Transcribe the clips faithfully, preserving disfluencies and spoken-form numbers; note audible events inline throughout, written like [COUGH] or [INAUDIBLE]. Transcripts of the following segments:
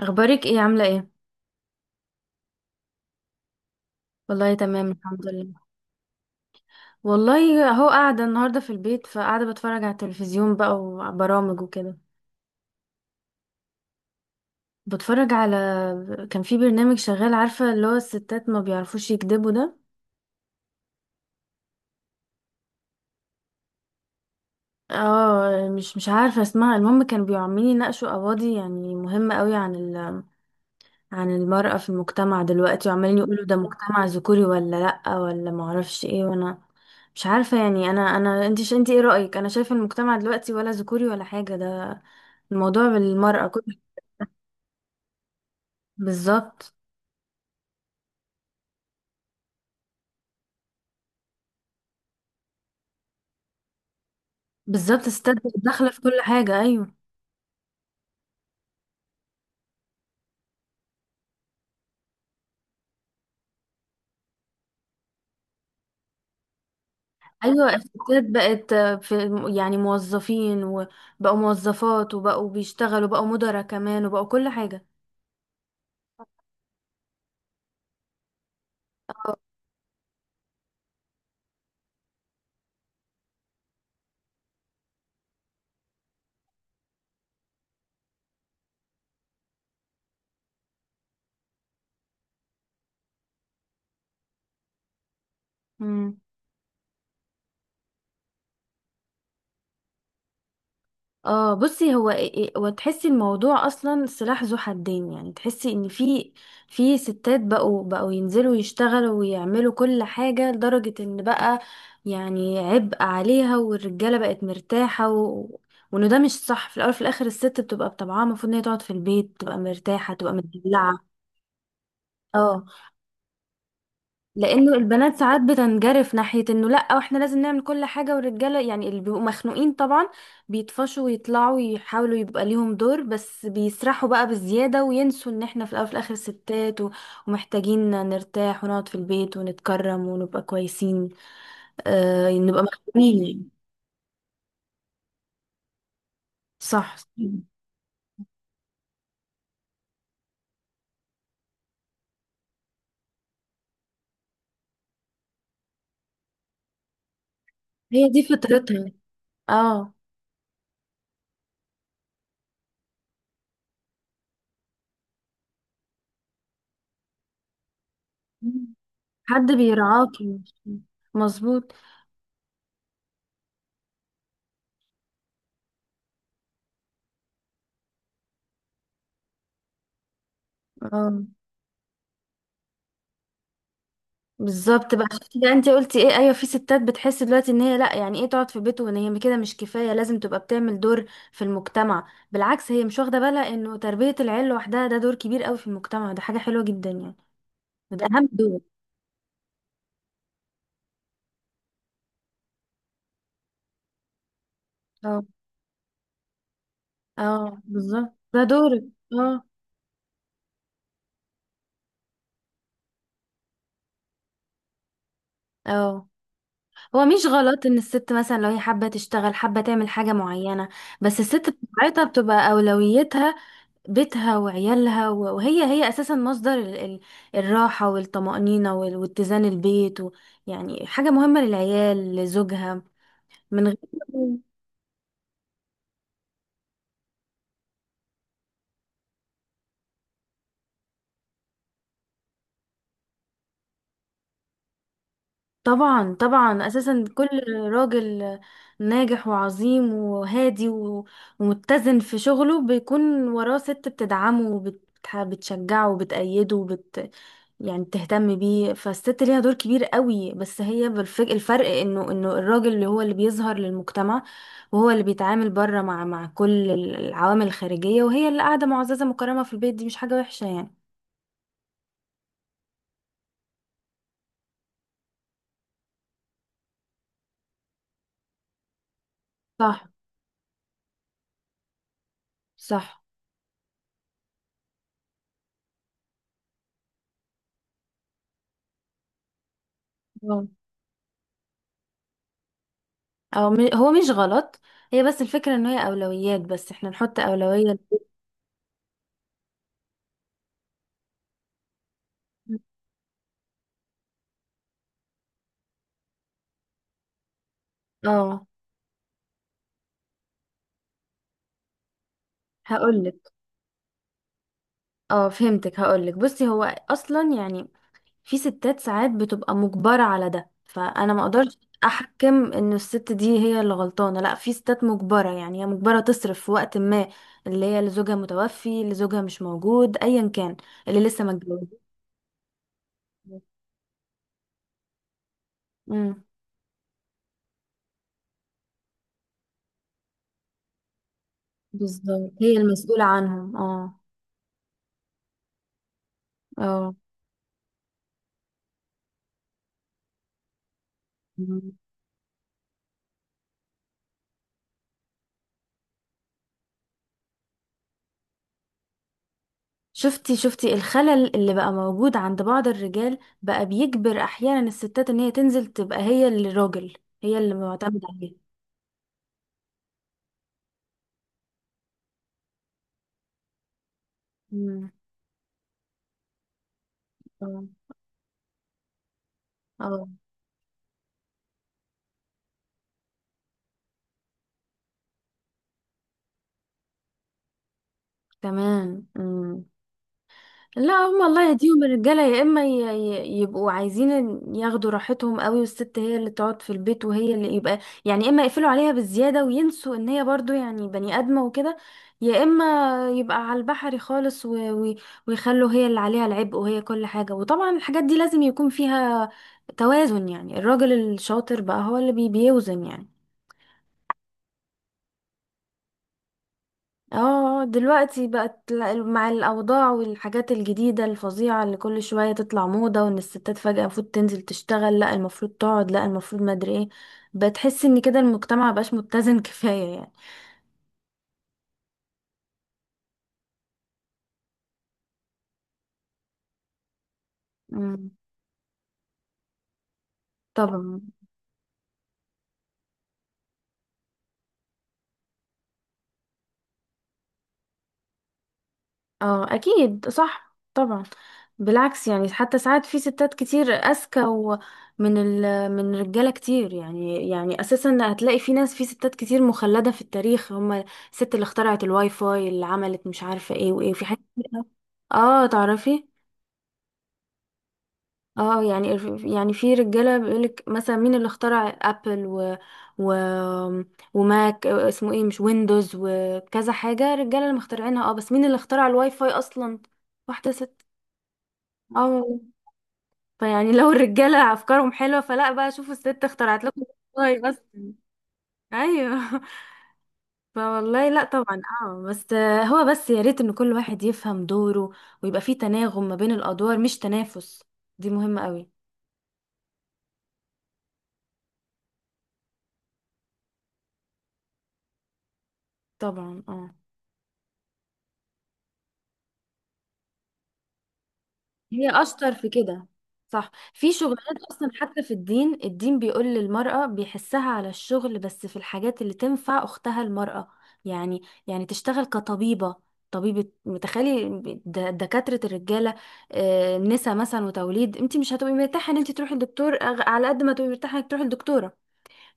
اخبارك ايه؟ عامله ايه؟ والله تمام الحمد لله. والله اهو قاعده النهارده في البيت، فقاعده بتفرج على التلفزيون بقى وبرامج وكده. بتفرج على كان في برنامج شغال، عارفه؟ اللي هو الستات ما بيعرفوش يكذبوا ده. اه، مش مش عارفه اسمها، المهم كانوا بيعملين يناقشوا قواضي يعني مهمه قوي عن ال عن المرأة في المجتمع دلوقتي، وعمالين يقولوا ده مجتمع ذكوري ولا لأ ولا معرفش ايه. وانا مش عارفة يعني، انا انا انت انت ايه رأيك؟ انا شايفة المجتمع دلوقتي ولا ذكوري ولا حاجة، ده الموضوع بالمرأة كل. بالظبط. بالظبط الستات بقت داخلة في كل حاجة. أيوة. أيوة الستات بقت في، يعني موظفين وبقوا موظفات وبقوا بيشتغلوا، بقوا مدراء كمان وبقوا كل حاجة. مم. اه بصي، هو إيه- إيه- وتحسي الموضوع اصلا سلاح ذو حدين، يعني تحسي ان في في ستات بقوا بقوا ينزلوا يشتغلوا ويعملوا كل حاجة لدرجة ان بقى يعني عبء عليها، والرجالة بقت مرتاحة و... وانه ده مش صح، في الاول في الاخر الست بتبقى بطبعها، المفروض ان هي تقعد في البيت، تبقى مرتاحة، تبقى متدلعة. اه. لانه البنات ساعات بتنجرف ناحيه انه لا واحنا لازم نعمل كل حاجه، والرجاله يعني اللي بيبقوا مخنوقين طبعا بيطفشوا ويطلعوا يحاولوا يبقى ليهم دور، بس بيسرحوا بقى بالزياده وينسوا ان احنا في الاول وفي الاخر ستات، و- ومحتاجين نرتاح ونقعد في البيت ونتكرم ونبقى كويسين. آه نبقى مخنوقين يعني. صح. هي دي فطرتها. اه. حد بيرعاكي. مظبوط. اه بالظبط بقى. شفتي بقى انت قلتي ايه؟ ايوه، في ستات بتحس دلوقتي ان هي لا، يعني ايه تقعد في بيت؟ وان هي كده مش كفايه لازم تبقى بتعمل دور في المجتمع. بالعكس هي مش واخده بالها انه تربيه العيل لوحدها ده دور كبير قوي في المجتمع، ده حاجه حلوه جدا يعني. ده اهم دور. اه. اه. بالظبط ده دورك. اه. اه هو مش غلط ان الست مثلا لو هي حابه تشتغل، حابه تعمل حاجه معينه، بس الست بتاعتها بتبقى اولويتها بيتها وعيالها، و- وهي هي اساسا مصدر ال- ال- الراحه والطمانينه وال- واتزان البيت و، يعني حاجه مهمه للعيال لزوجها، من غير. طبعا طبعا اساسا كل راجل ناجح وعظيم وهادي و- ومتزن في شغله بيكون وراه ست بتدعمه وبتشجعه وبتأيده وبت يعني بتهتم بيه. فالست ليها دور كبير قوي، بس هي بالفك... الفرق انه انه الراجل اللي هو اللي بيظهر للمجتمع، وهو اللي بيتعامل بره مع مع كل العوامل الخارجية، وهي اللي قاعدة معززة مكرمة في البيت، دي مش حاجة وحشة يعني. صح. صح. او م... هو مش غلط. هي بس الفكرة ان هي اولويات، بس احنا نحط اولوية ل- اه هقولك. اه فهمتك، هقولك بصي، هو اصلا يعني في ستات ساعات بتبقى مجبرة على ده، فانا ما اقدرش احكم ان الست دي هي اللي غلطانة. لا، في ستات مجبرة، يعني هي مجبرة تصرف في وقت ما، اللي هي اللي زوجها متوفي، اللي زوجها مش موجود ايا كان، اللي لسه ما اتجوزتش. امم. بالظبط هي المسؤولة عنهم. اه. اه شفتي شفتي الخلل اللي بقى موجود عند بعض الرجال بقى بيجبر احيانا الستات ان هي تنزل، تبقى هي اللي راجل، هي اللي معتمد عليه. امم. اه. آه، كمان. مم. لا هم الله يهديهم الرجاله، يا اما ي- ي- يبقوا عايزين ياخدوا راحتهم قوي والست هي اللي تقعد في البيت وهي اللي يبقى يعني، اما يقفلوا عليها بالزياده وينسوا ان هي برضو يعني بني ادمه وكده، يا اما يبقى على البحر خالص و- و- ويخلوا هي اللي عليها العبء وهي كل حاجه. وطبعا الحاجات دي لازم يكون فيها توازن يعني، الراجل الشاطر بقى هو اللي بي- بيوزن يعني. اه دلوقتي بقت ل- مع الاوضاع والحاجات الجديده الفظيعه اللي كل شويه تطلع موضه، وان الستات فجاه المفروض تنزل تشتغل، لا المفروض تقعد، لا المفروض ما ادري ايه، بتحس ان كده المجتمع مبقاش متزن [LAUGHS] كفايه يعني. مم. طبعا. اه اكيد صح طبعا. بالعكس يعني حتى ساعات في ستات كتير اذكى ومن ال من رجاله كتير، يعني يعني اساسا هتلاقي في ناس في ستات كتير مخلده في التاريخ. هم الست اللي اخترعت الواي فاي، اللي عملت مش عارفه ايه وايه، في حاجات كتير أوي. اه تعرفي. اه يعني، يعني في رجاله بيقولك مثلا مين اللي اخترع ابل و و وماك اسمه ايه، مش ويندوز وكذا حاجه، رجاله اللي مخترعينها اه، بس مين اللي اخترع الواي فاي اصلا؟ واحده ست. اه. فيعني لو الرجالة أفكارهم حلوة فلا بقى، شوفوا الست اخترعت لكم. والله أصلا. أيوه [LAUGHS] فوالله لا طبعا اه، بس آه، هو بس يا ريت إن كل واحد يفهم دوره، ويبقى فيه تناغم ما بين الأدوار مش تنافس، دي مهمة قوي. طبعا اه. هي اشطر في كده. صح، في شغلات اصلا، حتى في الدين الدين بيقول للمرأة بيحسها على الشغل، بس في الحاجات اللي تنفع اختها المرأة يعني، يعني تشتغل كطبيبة، طبيبة متخيلي. د- دكاترة الرجالة، آه، نسا مثلا وتوليد، انت مش هتبقي مرتاحة ان انت تروحي لدكتور، أغ- على قد ما تبقي مرتاحة انك تروحي لدكتورة.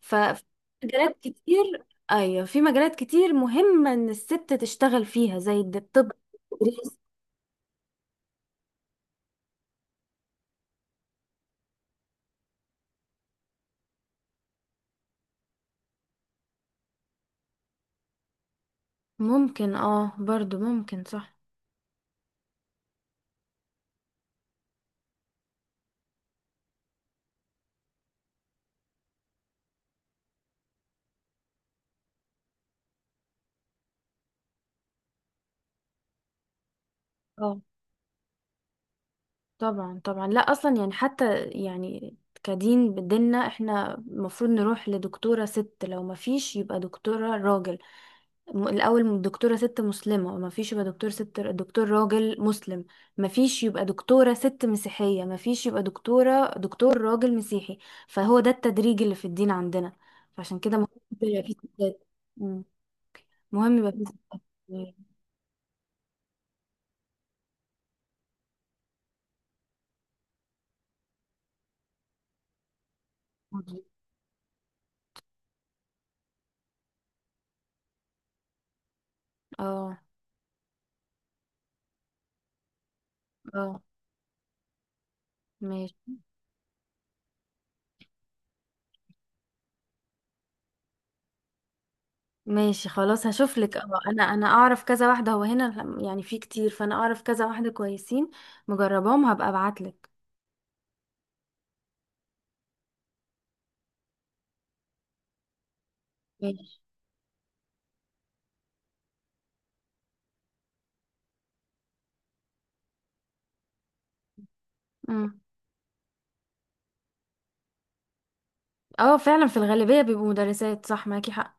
ففي مجالات كتير. ايوه في مجالات كتير مهمة ان الست تشتغل فيها زي الد- الطب ممكن اه برضو ممكن، صح. اه. طبعا طبعا لا اصلا يعني حتى يعني كدين بديننا احنا المفروض نروح لدكتورة ست، لو ما فيش يبقى دكتورة راجل. م- الاول دكتورة ست مسلمة، ما فيش يبقى دكتور ست دكتور راجل مسلم. ما فيش يبقى دكتورة ست مسيحية، ما فيش يبقى دكتورة دكتور راجل مسيحي. فهو ده التدريج اللي في الدين عندنا، فعشان كده مهم يبقى في ستات. مم. مهم يبقى في ستات. اه. اه ماشي. ماشي خلاص هشوف لك. اه انا انا اعرف كذا واحده، هو هنا يعني في كتير، فانا اعرف كذا واحده كويسين مجرباهم، هبقى ابعت لك. ماشي. امم. اه فعلا في الغالبيه بيبقوا مدرسات، صح معاكي حق.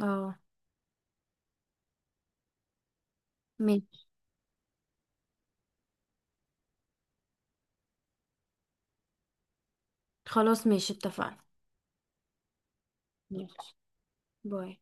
اه. ماشي خلاص ماشي اتفقنا. ماشي باي.